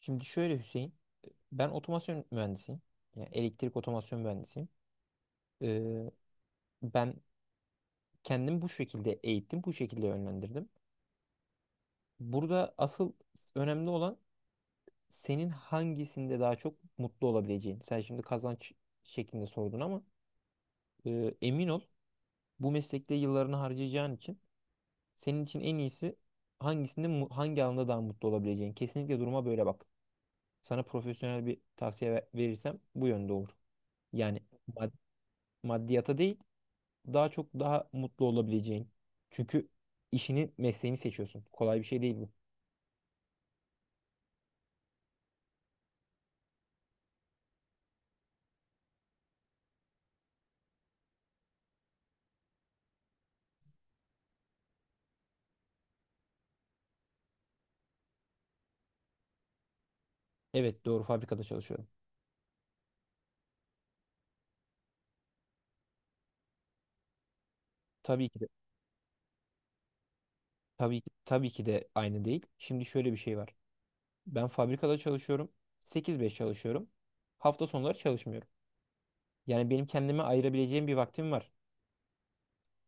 Şimdi şöyle Hüseyin, ben otomasyon mühendisiyim. Yani elektrik otomasyon mühendisiyim. Ee, ben kendimi bu şekilde eğittim, bu şekilde yönlendirdim. Burada asıl önemli olan senin hangisinde daha çok mutlu olabileceğin. Sen şimdi kazanç şeklinde sordun ama emin ol bu meslekte yıllarını harcayacağın için senin için en iyisi hangi alanda daha mutlu olabileceğin. Kesinlikle duruma böyle bak. Sana profesyonel bir tavsiye verirsem bu yönde olur. Yani mad- maddiyata değil daha çok daha mutlu olabileceğin. Çünkü işini, mesleğini seçiyorsun. Kolay bir şey değil bu. Evet, doğru fabrikada çalışıyorum. Tabii ki de tabii ki de aynı değil. Şimdi şöyle bir şey var. Ben fabrikada çalışıyorum. Sekiz beş çalışıyorum. Hafta sonları çalışmıyorum. Yani benim kendime ayırabileceğim bir vaktim var.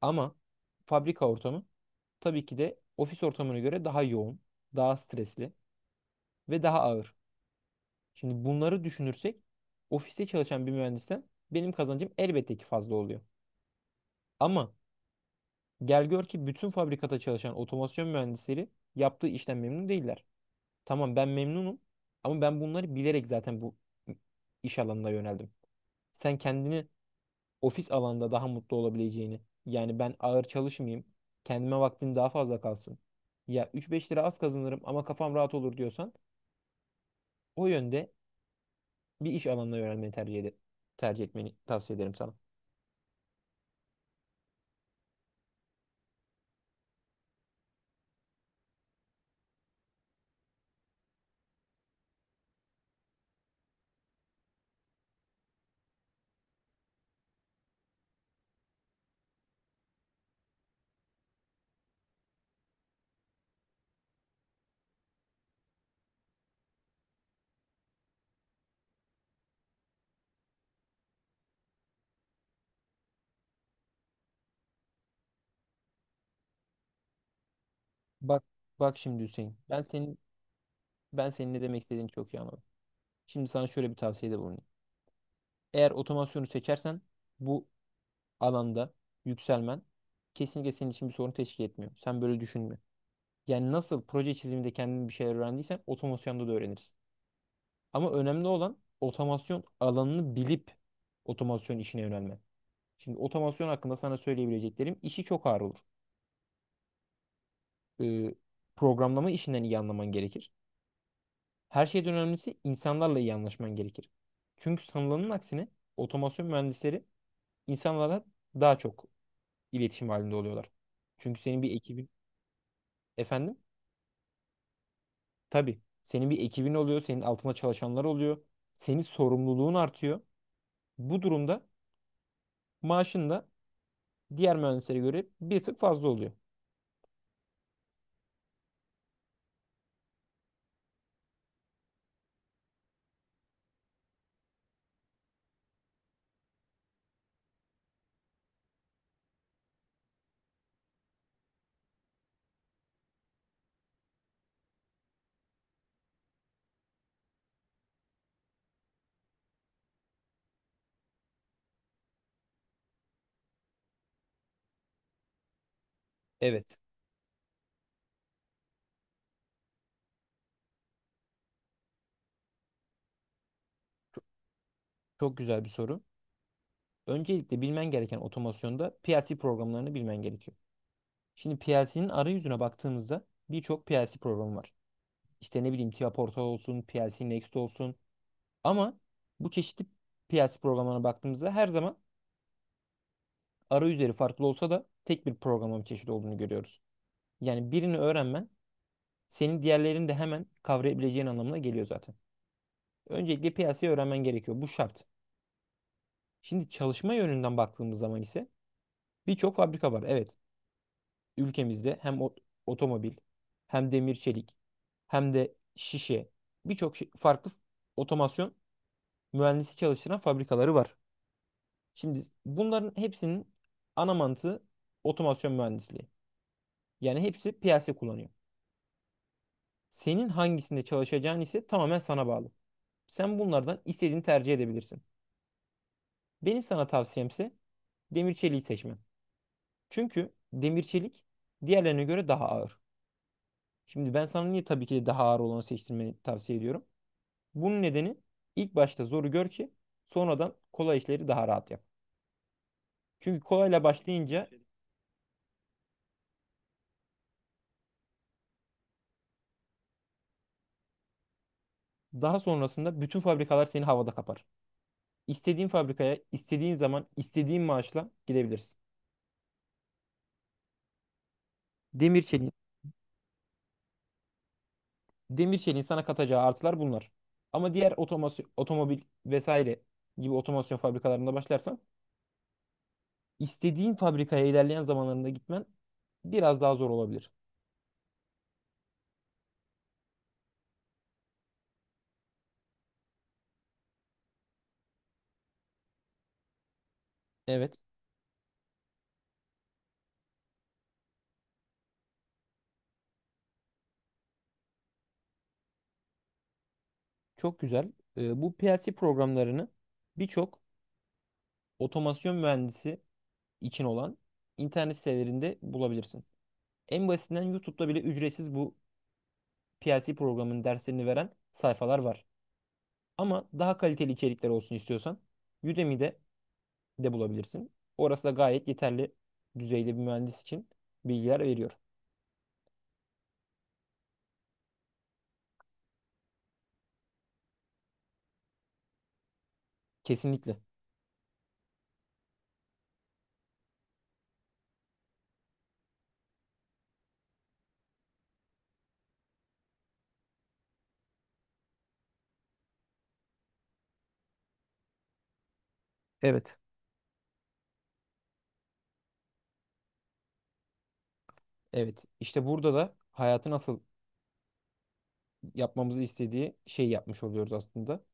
Ama fabrika ortamı tabii ki de ofis ortamına göre daha yoğun, daha stresli ve daha ağır. Şimdi bunları düşünürsek ofiste çalışan bir mühendisten benim kazancım elbette ki fazla oluyor. Ama gel gör ki bütün fabrikada çalışan otomasyon mühendisleri yaptığı işten memnun değiller. Tamam, ben memnunum ama ben bunları bilerek zaten bu iş alanına yöneldim. Sen kendini ofis alanda daha mutlu olabileceğini, yani ben ağır çalışmayayım, kendime vaktim daha fazla kalsın. Ya üç beş lira az kazanırım ama kafam rahat olur diyorsan o yönde bir iş alanına yönelmeni tercih tercih etmeni tavsiye ederim sana. Bak bak şimdi Hüseyin. Ben senin ne demek istediğini çok iyi anladım. Şimdi sana şöyle bir tavsiyede bulunayım. Eğer otomasyonu seçersen bu alanda yükselmen kesinlikle senin için bir sorun teşkil etmiyor. Sen böyle düşünme. Yani nasıl proje çiziminde kendin bir şeyler öğrendiysen otomasyonda da öğrenirsin. Ama önemli olan otomasyon alanını bilip otomasyon işine yönelmen. Şimdi otomasyon hakkında sana söyleyebileceklerim işi çok ağır olur. Ee, programlama işinden iyi anlaman gerekir. Her şeyden önemlisi insanlarla iyi anlaşman gerekir. Çünkü sanılanın aksine otomasyon mühendisleri insanlara daha çok iletişim halinde oluyorlar. Çünkü senin bir ekibin, efendim, tabii senin bir ekibin oluyor, senin altında çalışanlar oluyor. Senin sorumluluğun artıyor. Bu durumda maaşın da diğer mühendislere göre bir tık fazla oluyor. Evet, çok güzel bir soru. Öncelikle bilmen gereken otomasyonda PLC programlarını bilmen gerekiyor. Şimdi PLC'nin arayüzüne baktığımızda birçok PLC programı var. İşte ne bileyim Tia Portal olsun, PLC Next olsun. Ama bu çeşitli PLC programlarına baktığımızda her zaman arayüzleri farklı olsa da tek bir programlama çeşidi olduğunu görüyoruz. Yani birini öğrenmen senin diğerlerini de hemen kavrayabileceğin anlamına geliyor zaten. Öncelikle piyasayı öğrenmen gerekiyor. Bu şart. Şimdi çalışma yönünden baktığımız zaman ise birçok fabrika var. Evet, ülkemizde hem otomobil, hem demir çelik, hem de şişe farklı otomasyon mühendisi çalıştıran fabrikaları var. Şimdi bunların hepsinin ana mantığı otomasyon mühendisliği. Yani hepsi piyasa kullanıyor. Senin hangisinde çalışacağın ise tamamen sana bağlı. Sen bunlardan istediğini tercih edebilirsin. Benim sana tavsiyemse demir çeliği seçmen. Çünkü demir çelik diğerlerine göre daha ağır. Şimdi ben sana niye tabii ki de daha ağır olanı seçtirmeni tavsiye ediyorum. Bunun nedeni ilk başta zoru gör ki sonradan kolay işleri daha rahat yap. Çünkü kolayla başlayınca daha sonrasında bütün fabrikalar seni havada kapar. İstediğin fabrikaya, istediğin zaman, istediğin maaşla gidebilirsin. Demir çeliğin demir çeliğin sana katacağı artılar bunlar. Ama diğer otomasyon, otomobil vesaire gibi otomasyon fabrikalarında başlarsan istediğin fabrikaya ilerleyen zamanlarında gitmen biraz daha zor olabilir. Evet, çok güzel. Bu PLC programlarını birçok otomasyon mühendisi için olan internet sitelerinde bulabilirsin. En basitinden YouTube'da bile ücretsiz bu PLC programının derslerini veren sayfalar var. Ama daha kaliteli içerikler olsun istiyorsan Udemy'de de bulabilirsin. Orası da gayet yeterli düzeyde bir mühendis için bilgiler veriyor. Kesinlikle. Evet. Evet. İşte burada da hayatı nasıl yapmamızı istediği şeyi yapmış oluyoruz aslında.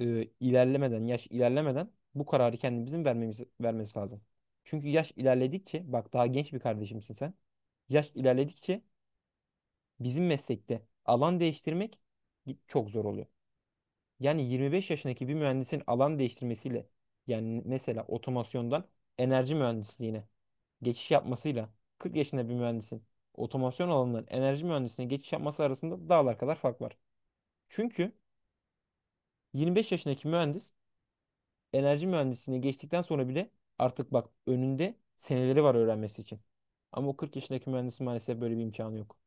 İlerlemeden, yaş ilerlemeden bu kararı kendimizin vermemiz, vermesi lazım. Çünkü yaş ilerledikçe, bak, daha genç bir kardeşimsin sen. Yaş ilerledikçe bizim meslekte alan değiştirmek çok zor oluyor. Yani 25 yaşındaki bir mühendisin alan değiştirmesiyle, yani mesela otomasyondan enerji mühendisliğine geçiş yapmasıyla 40 yaşında bir mühendisin otomasyon alanından enerji mühendisliğine geçiş yapması arasında dağlar kadar fark var. Çünkü 25 yaşındaki mühendis enerji mühendisliğine geçtikten sonra bile artık, bak, önünde seneleri var öğrenmesi için. Ama o 40 yaşındaki mühendisin maalesef böyle bir imkanı yok.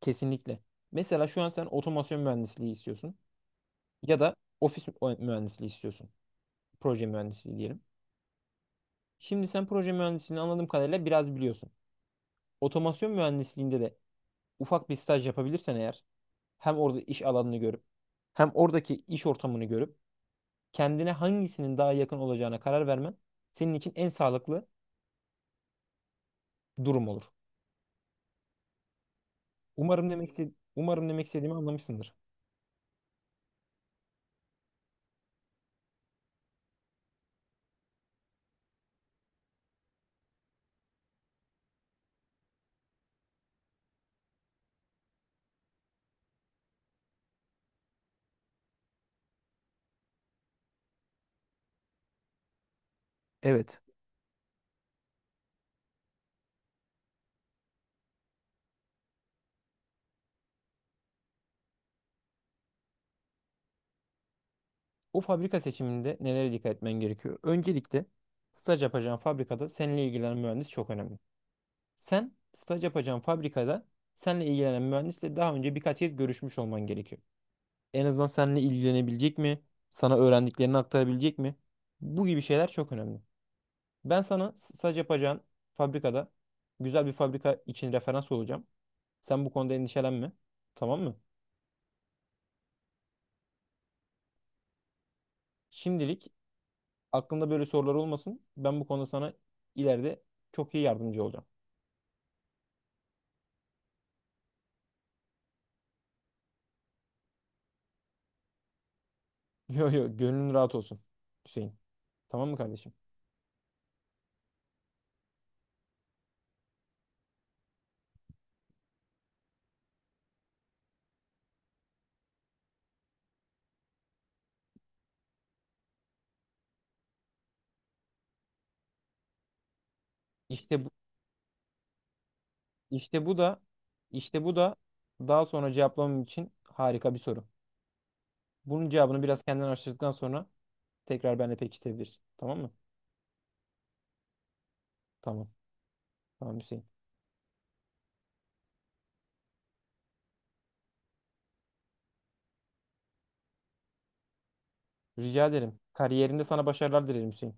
Kesinlikle. Mesela şu an sen otomasyon mühendisliği istiyorsun ya da ofis mühendisliği istiyorsun. Proje mühendisliği diyelim. Şimdi sen proje mühendisliğini anladığım kadarıyla biraz biliyorsun. Otomasyon mühendisliğinde de ufak bir staj yapabilirsen eğer hem orada iş alanını görüp hem oradaki iş ortamını görüp kendine hangisinin daha yakın olacağına karar vermen senin için en sağlıklı durum olur. Umarım demek istediğimi anlamışsındır. Evet. O fabrika seçiminde nelere dikkat etmen gerekiyor? Öncelikle staj yapacağın fabrikada seninle ilgilenen mühendis çok önemli. Sen staj yapacağın fabrikada seninle ilgilenen mühendisle daha önce birkaç kez görüşmüş olman gerekiyor. En azından seninle ilgilenebilecek mi? Sana öğrendiklerini aktarabilecek mi? Bu gibi şeyler çok önemli. Ben sana sadece yapacağın fabrikada güzel bir fabrika için referans olacağım. Sen bu konuda endişelenme. Tamam mı? Şimdilik aklında böyle sorular olmasın. Ben bu konuda sana ileride çok iyi yardımcı olacağım. Yo yo, gönlün rahat olsun Hüseyin. Tamam mı kardeşim? İşte bu, işte bu da işte bu da daha sonra cevaplamam için harika bir soru. Bunun cevabını biraz kendin araştırdıktan sonra tekrar benimle pekiştirebilirsin. Tamam mı? Tamam. Tamam Hüseyin. Rica ederim. Kariyerinde sana başarılar dilerim Hüseyin.